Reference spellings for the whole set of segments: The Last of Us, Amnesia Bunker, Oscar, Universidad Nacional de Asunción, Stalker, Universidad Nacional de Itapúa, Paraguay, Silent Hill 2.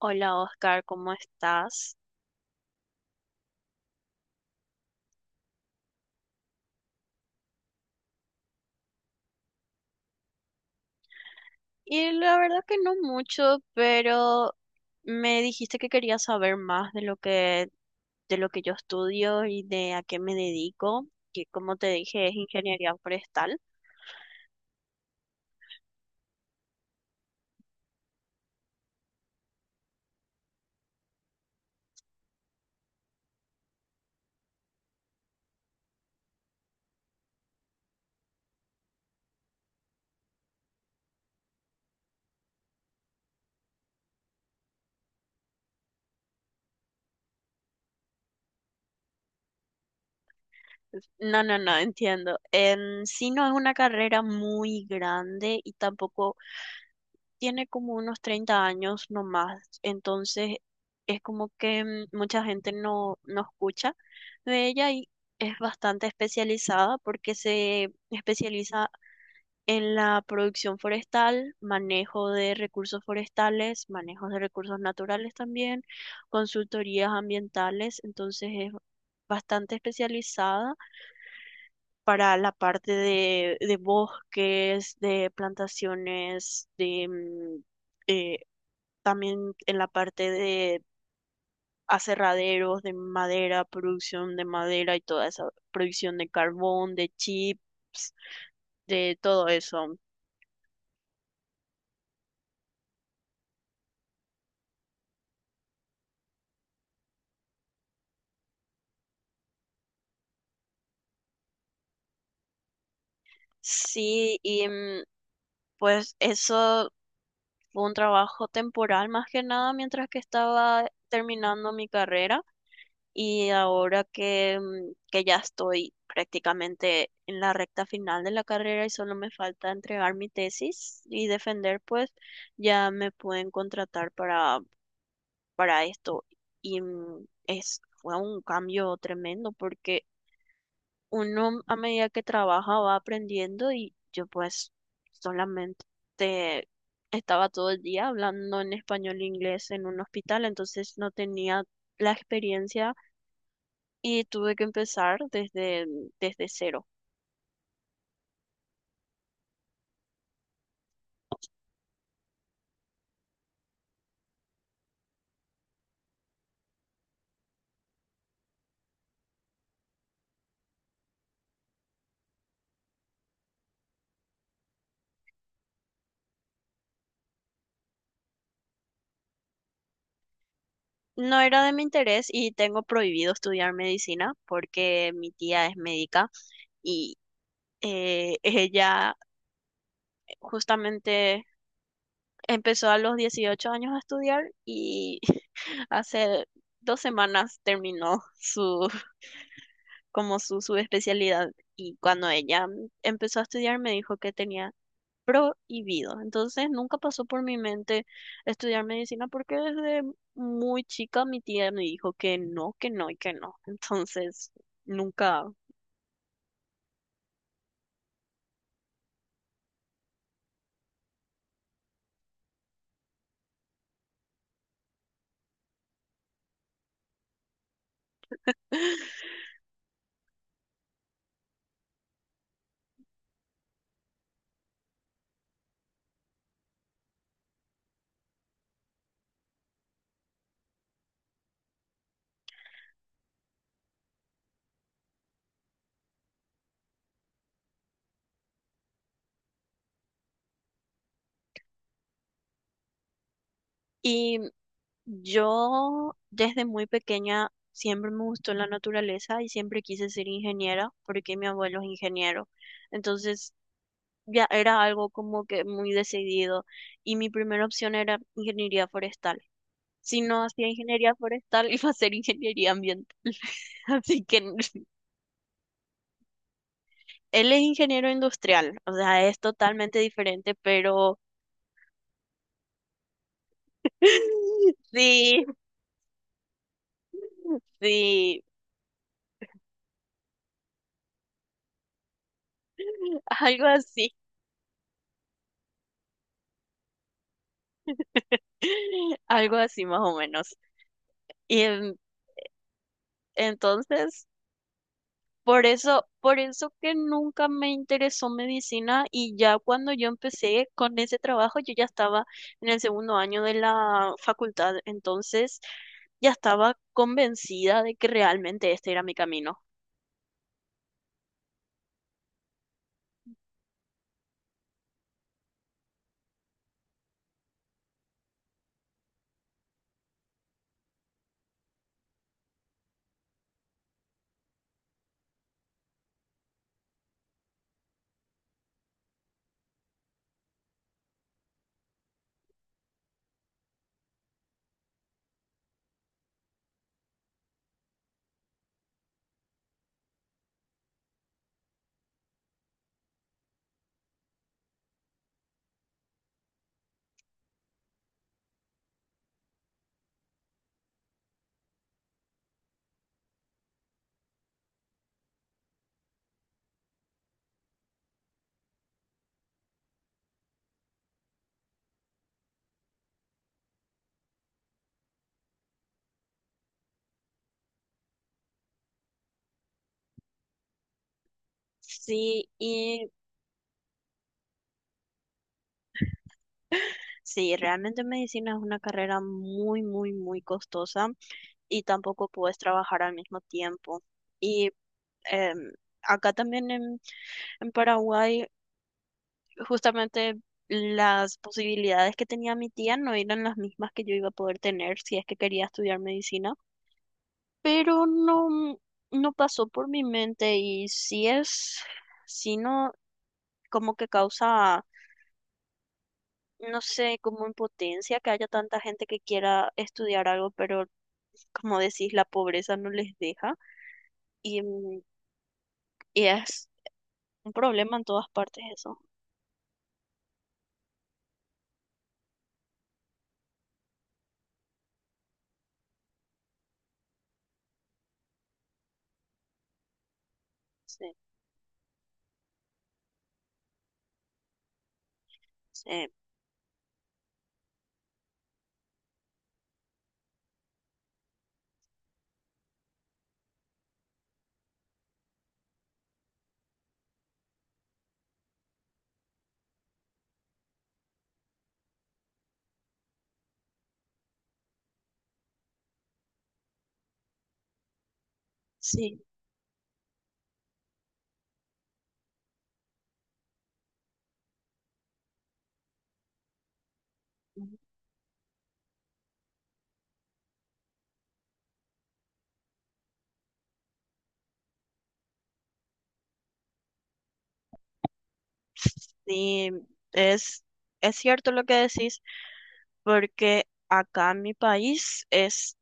Hola Oscar, ¿cómo estás? Y la verdad que no mucho, pero me dijiste que querías saber más de lo que yo estudio y de a qué me dedico, que como te dije es ingeniería forestal. No, no, no, entiendo. En sí no es una carrera muy grande y tampoco tiene como unos 30 años no más. Entonces es como que mucha gente no escucha de ella y es bastante especializada porque se especializa en la producción forestal, manejo de recursos forestales, manejo de recursos naturales también, consultorías ambientales. Entonces es bastante especializada para la parte de bosques, de plantaciones, de eh, también en la parte de aserraderos, de madera, producción de madera y toda esa producción de carbón, de chips, de todo eso. Sí, y pues eso fue un trabajo temporal más que nada mientras que estaba terminando mi carrera. Y ahora que ya estoy prácticamente en la recta final de la carrera y solo me falta entregar mi tesis y defender, pues ya me pueden contratar para esto. Y fue un cambio tremendo porque uno a medida que trabaja va aprendiendo, y yo pues solamente estaba todo el día hablando en español e inglés en un hospital, entonces no tenía la experiencia y tuve que empezar desde cero. No era de mi interés y tengo prohibido estudiar medicina porque mi tía es médica y ella justamente empezó a los 18 años a estudiar y hace 2 semanas terminó su especialidad, y cuando ella empezó a estudiar me dijo que tenía prohibido. Entonces nunca pasó por mi mente estudiar medicina, porque desde muy chica mi tía me dijo que no y que no. Entonces nunca. Y yo desde muy pequeña siempre me gustó la naturaleza y siempre quise ser ingeniera porque mi abuelo es ingeniero. Entonces ya era algo como que muy decidido, y mi primera opción era ingeniería forestal. Si no hacía ingeniería forestal, iba a hacer ingeniería ambiental. Así que. Él es ingeniero industrial, o sea, es totalmente diferente, pero sí, sí, algo así, algo así más o menos. Y entonces. Por eso que nunca me interesó medicina, y ya cuando yo empecé con ese trabajo yo ya estaba en el segundo año de la facultad, entonces ya estaba convencida de que realmente este era mi camino. Sí, y sí, realmente medicina es una carrera muy, muy, muy costosa y tampoco puedes trabajar al mismo tiempo. Y em, acá también en Paraguay justamente las posibilidades que tenía mi tía no eran las mismas que yo iba a poder tener si es que quería estudiar medicina, pero no, no pasó por mi mente. Y sí es, sí no, como que causa, no sé, como impotencia que haya tanta gente que quiera estudiar algo, pero como decís, la pobreza no les deja. Y, mm, y es un problema en todas partes eso. Sí, sí, sí. Sí, es, es cierto lo que decís, porque acá en mi país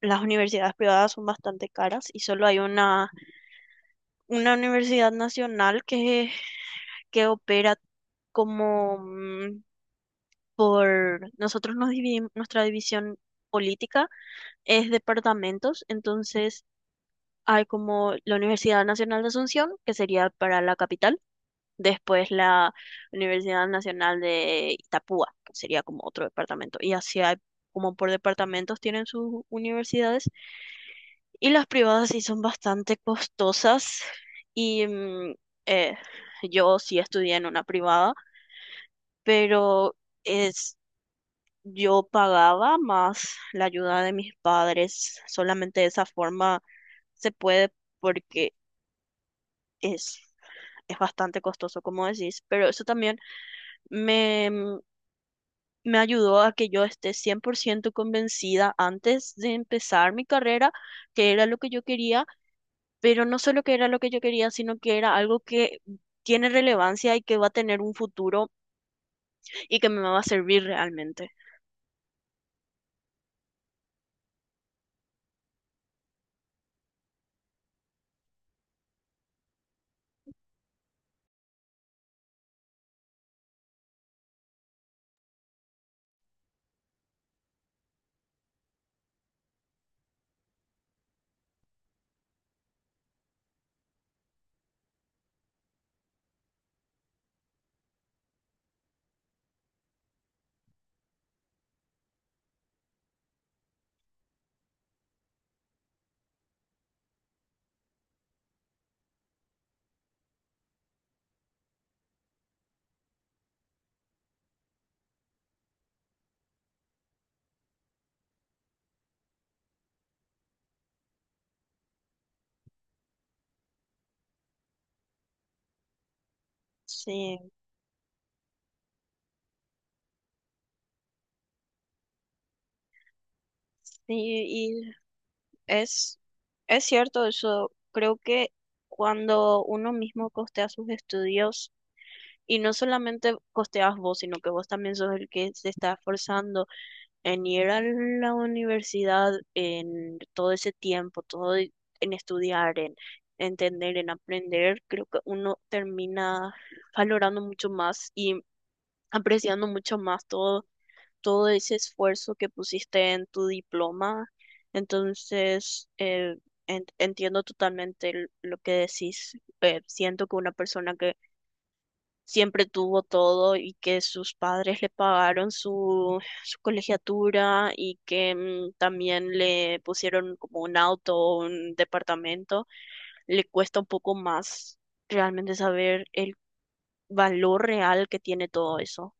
las universidades privadas son bastante caras y solo hay una universidad nacional que opera como nosotros nos dividimos. Nuestra división política es departamentos, entonces hay como la Universidad Nacional de Asunción, que sería para la capital. Después la Universidad Nacional de Itapúa, que sería como otro departamento. Y así hay, como por departamentos tienen sus universidades. Y las privadas sí son bastante costosas. Y eh, yo sí estudié en una privada, pero es, yo pagaba más la ayuda de mis padres. Solamente de esa forma se puede, porque es... es bastante costoso, como decís, pero eso también me, mm, me ayudó a que yo esté 100% convencida antes de empezar mi carrera, que era lo que yo quería, pero no solo que era lo que yo quería, sino que era algo que tiene relevancia y que va a tener un futuro, y que me va a servir realmente. Sí, sí, y es, es cierto eso. Creo que cuando uno mismo costea sus estudios, y no solamente costeas vos, sino que vos también sos el que se está esforzando en ir a la universidad, en todo ese tiempo, en estudiar, en entender, en aprender, creo que uno termina valorando mucho más y apreciando mucho más todo, todo ese esfuerzo que pusiste en tu diploma. Entonces, entiendo totalmente lo que decís. Siento que una persona que siempre tuvo todo y que sus padres le pagaron su colegiatura, y que también le pusieron como un auto o un departamento, le cuesta un poco más realmente saber el valor real que tiene todo eso.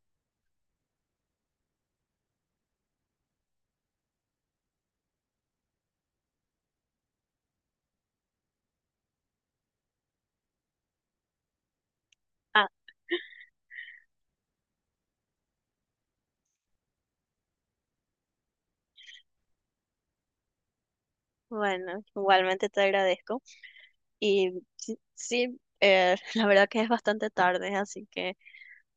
Ah, bueno, igualmente te agradezco. Y sí, sí, la verdad que es bastante tarde, así que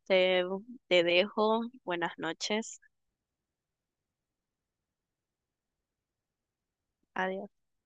te, te dejo. Buenas noches. Adiós.